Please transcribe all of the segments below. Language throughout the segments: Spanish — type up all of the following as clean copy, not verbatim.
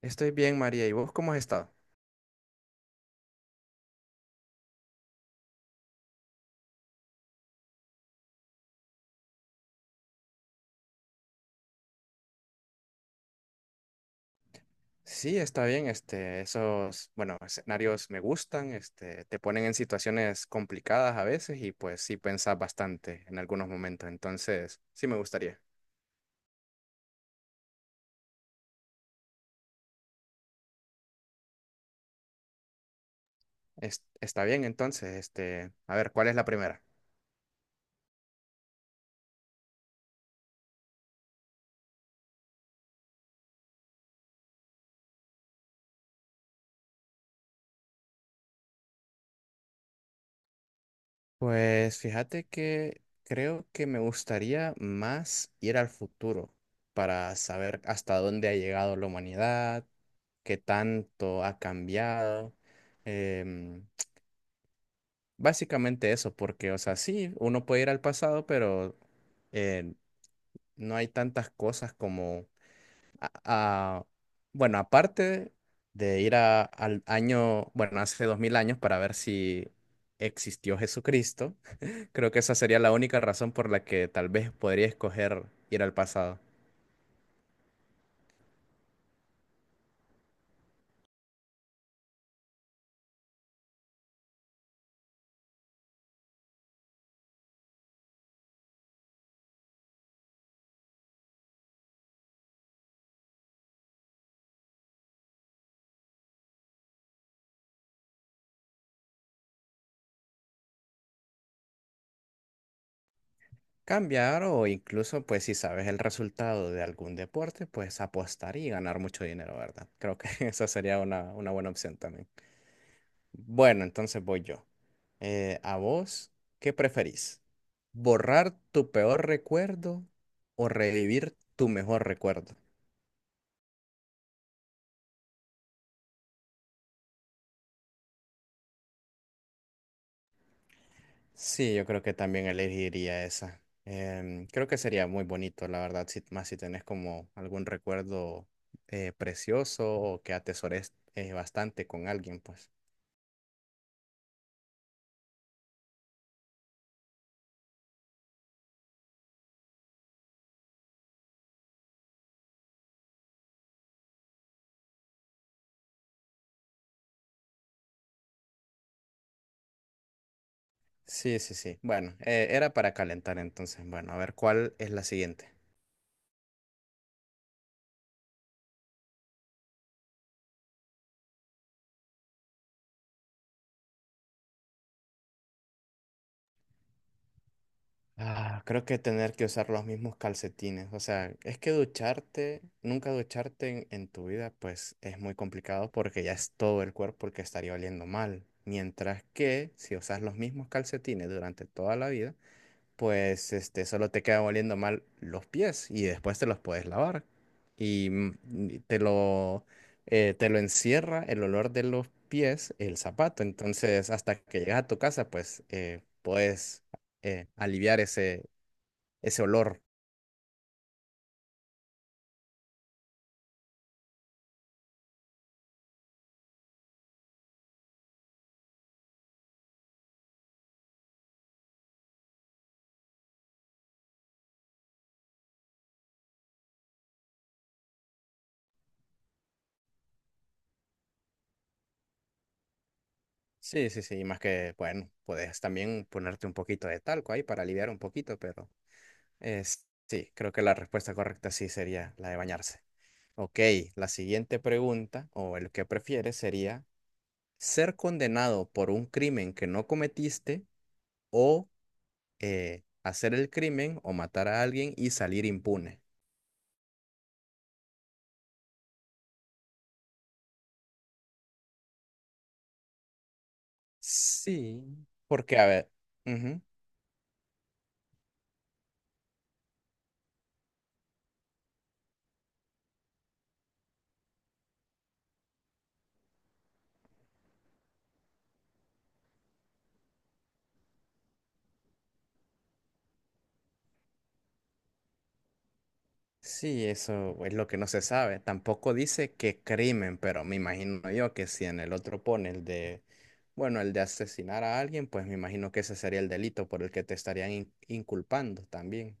Estoy bien, María. ¿Y vos cómo has estado? Sí, está bien. Esos, bueno, escenarios me gustan. Te ponen en situaciones complicadas a veces y pues sí pensás bastante en algunos momentos. Entonces, sí me gustaría. Está bien, entonces, a ver, ¿cuál es la primera? Pues fíjate que creo que me gustaría más ir al futuro para saber hasta dónde ha llegado la humanidad, qué tanto ha cambiado. Básicamente eso, porque, o sea, sí, uno puede ir al pasado, pero eh, no hay tantas cosas como, a- a- bueno, aparte de ir al año, bueno, hace 2000 años para ver si existió Jesucristo. Creo que esa sería la única razón por la que tal vez podría escoger ir al pasado. Cambiar o incluso, pues, si sabes el resultado de algún deporte, pues apostar y ganar mucho dinero, ¿verdad? Creo que esa sería una buena opción también. Bueno, entonces voy yo. ¿A vos qué preferís? ¿Borrar tu peor recuerdo o revivir tu mejor recuerdo? Sí, yo creo que también elegiría esa. Creo que sería muy bonito, la verdad, más si tenés como algún recuerdo precioso o que atesores bastante con alguien, pues. Sí, sí, sí. Bueno, era para calentar entonces. Bueno, a ver cuál es la siguiente. Ah, creo que tener que usar los mismos calcetines. O sea, nunca ducharte en tu vida, pues es muy complicado porque ya es todo el cuerpo el que estaría oliendo mal. Mientras que si usas los mismos calcetines durante toda la vida, pues solo te quedan oliendo mal los pies y después te los puedes lavar. Y mm, y te lo encierra el olor de los pies, el zapato. Entonces, hasta que llegas a tu casa, pues puedes aliviar ese olor. Sí, sí, sí, y más que, bueno, puedes también ponerte un poquito de talco ahí para aliviar un poquito, pero eh, sí, creo que la respuesta correcta sí sería la de bañarse. Ok, la siguiente pregunta, o el que prefieres, sería ser condenado por un crimen que no cometiste o hacer el crimen o matar a alguien y salir impune. Sí, Porque, a ver, ujú, sí, eso es lo que no se sabe. Tampoco dice qué crimen, pero me imagino yo que si en el otro pone el de, bueno, el de asesinar a alguien, pues me imagino que ese sería el delito por el que te estarían inculpando también.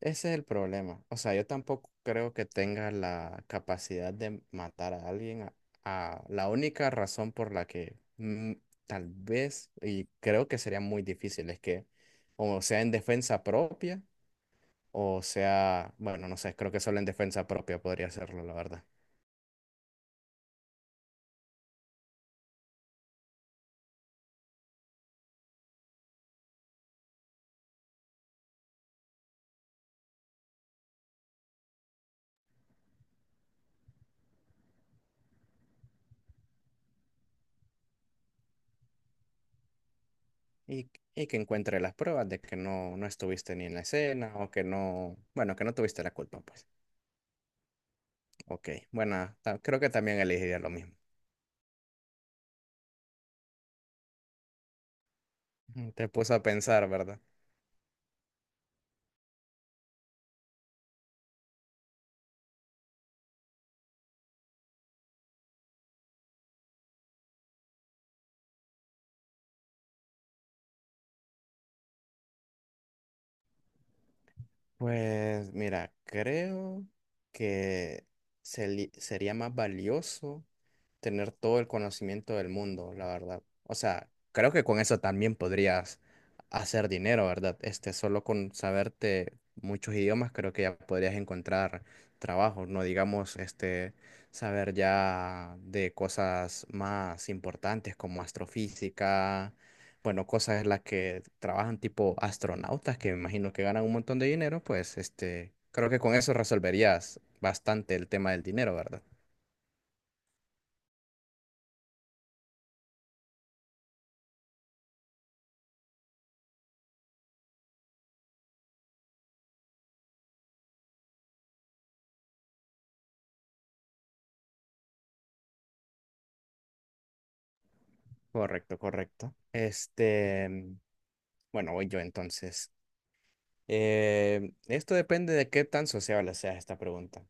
Ese es el problema. O sea, yo tampoco creo que tenga la capacidad de matar a alguien. La única razón por la que tal vez, y creo que sería muy difícil, es que, o sea, en defensa propia. O sea, bueno, no sé, creo que solo en defensa propia podría hacerlo, la verdad. Y, y que encuentre las pruebas de que no, no estuviste ni en la escena, o que no, bueno, que no tuviste la culpa, pues. Ok, bueno, creo que también elegiría lo mismo. Te puso a pensar, ¿verdad? Pues mira, creo que sería más valioso tener todo el conocimiento del mundo, la verdad. O sea, creo que con eso también podrías hacer dinero, ¿verdad? Solo con saberte muchos idiomas, creo que ya podrías encontrar trabajo, no digamos, saber ya de cosas más importantes como astrofísica, bueno, cosas en las que trabajan tipo astronautas, que me imagino que ganan un montón de dinero, pues, creo que con eso resolverías bastante el tema del dinero, ¿verdad? Correcto, correcto. Bueno, voy yo entonces. Esto depende de qué tan sociable sea esta pregunta.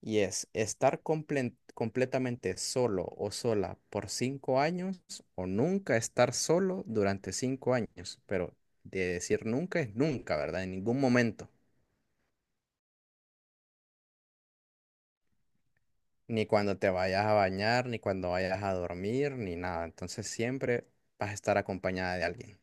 Y es, ¿estar completamente solo o sola por 5 años o nunca estar solo durante 5 años? Pero de decir nunca es nunca, ¿verdad? En ningún momento. Ni cuando te vayas a bañar, ni cuando vayas a dormir, ni nada. Entonces siempre vas a estar acompañada de alguien.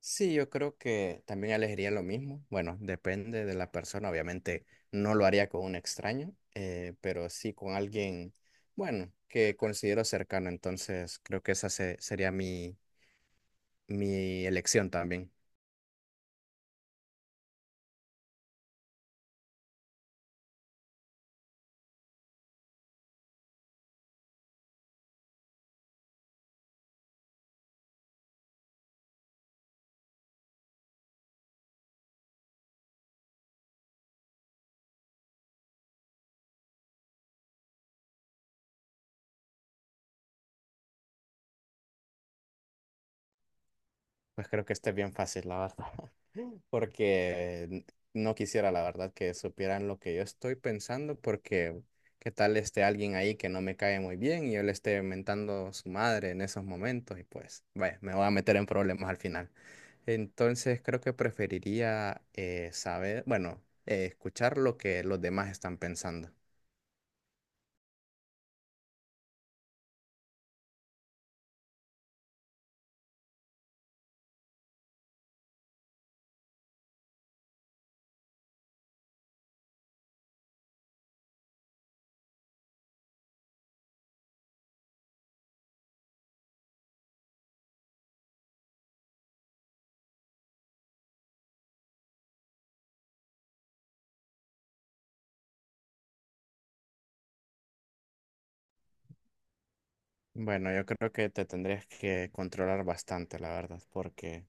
Sí, yo creo que también elegiría lo mismo. Bueno, depende de la persona. Obviamente no lo haría con un extraño, pero sí con alguien, bueno, que considero cercano. Entonces creo que sería mi elección también. Pues creo que este es bien fácil, la verdad. Porque no quisiera, la verdad, que supieran lo que yo estoy pensando, porque qué tal esté alguien ahí que no me cae muy bien y yo le esté mentando su madre en esos momentos y pues, vaya, me voy a meter en problemas al final. Entonces creo que preferiría saber, bueno, escuchar lo que los demás están pensando. Bueno, yo creo que te tendrías que controlar bastante, la verdad, porque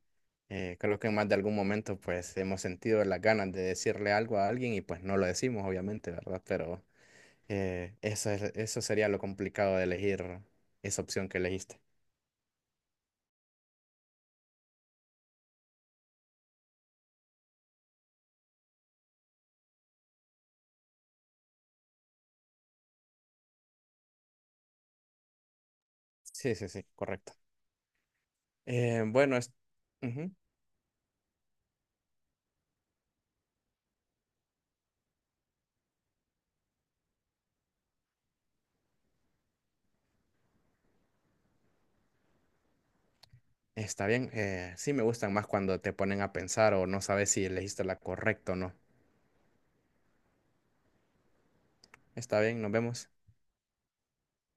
creo que en más de algún momento pues hemos sentido las ganas de decirle algo a alguien y pues no lo decimos, obviamente, ¿verdad? Pero eso sería lo complicado de elegir esa opción que elegiste. Sí, sí, sí, correcto. Bueno, ujú, está bien. Sí me gustan más cuando te ponen a pensar o no sabes si elegiste la correcta o no. Está bien, nos vemos.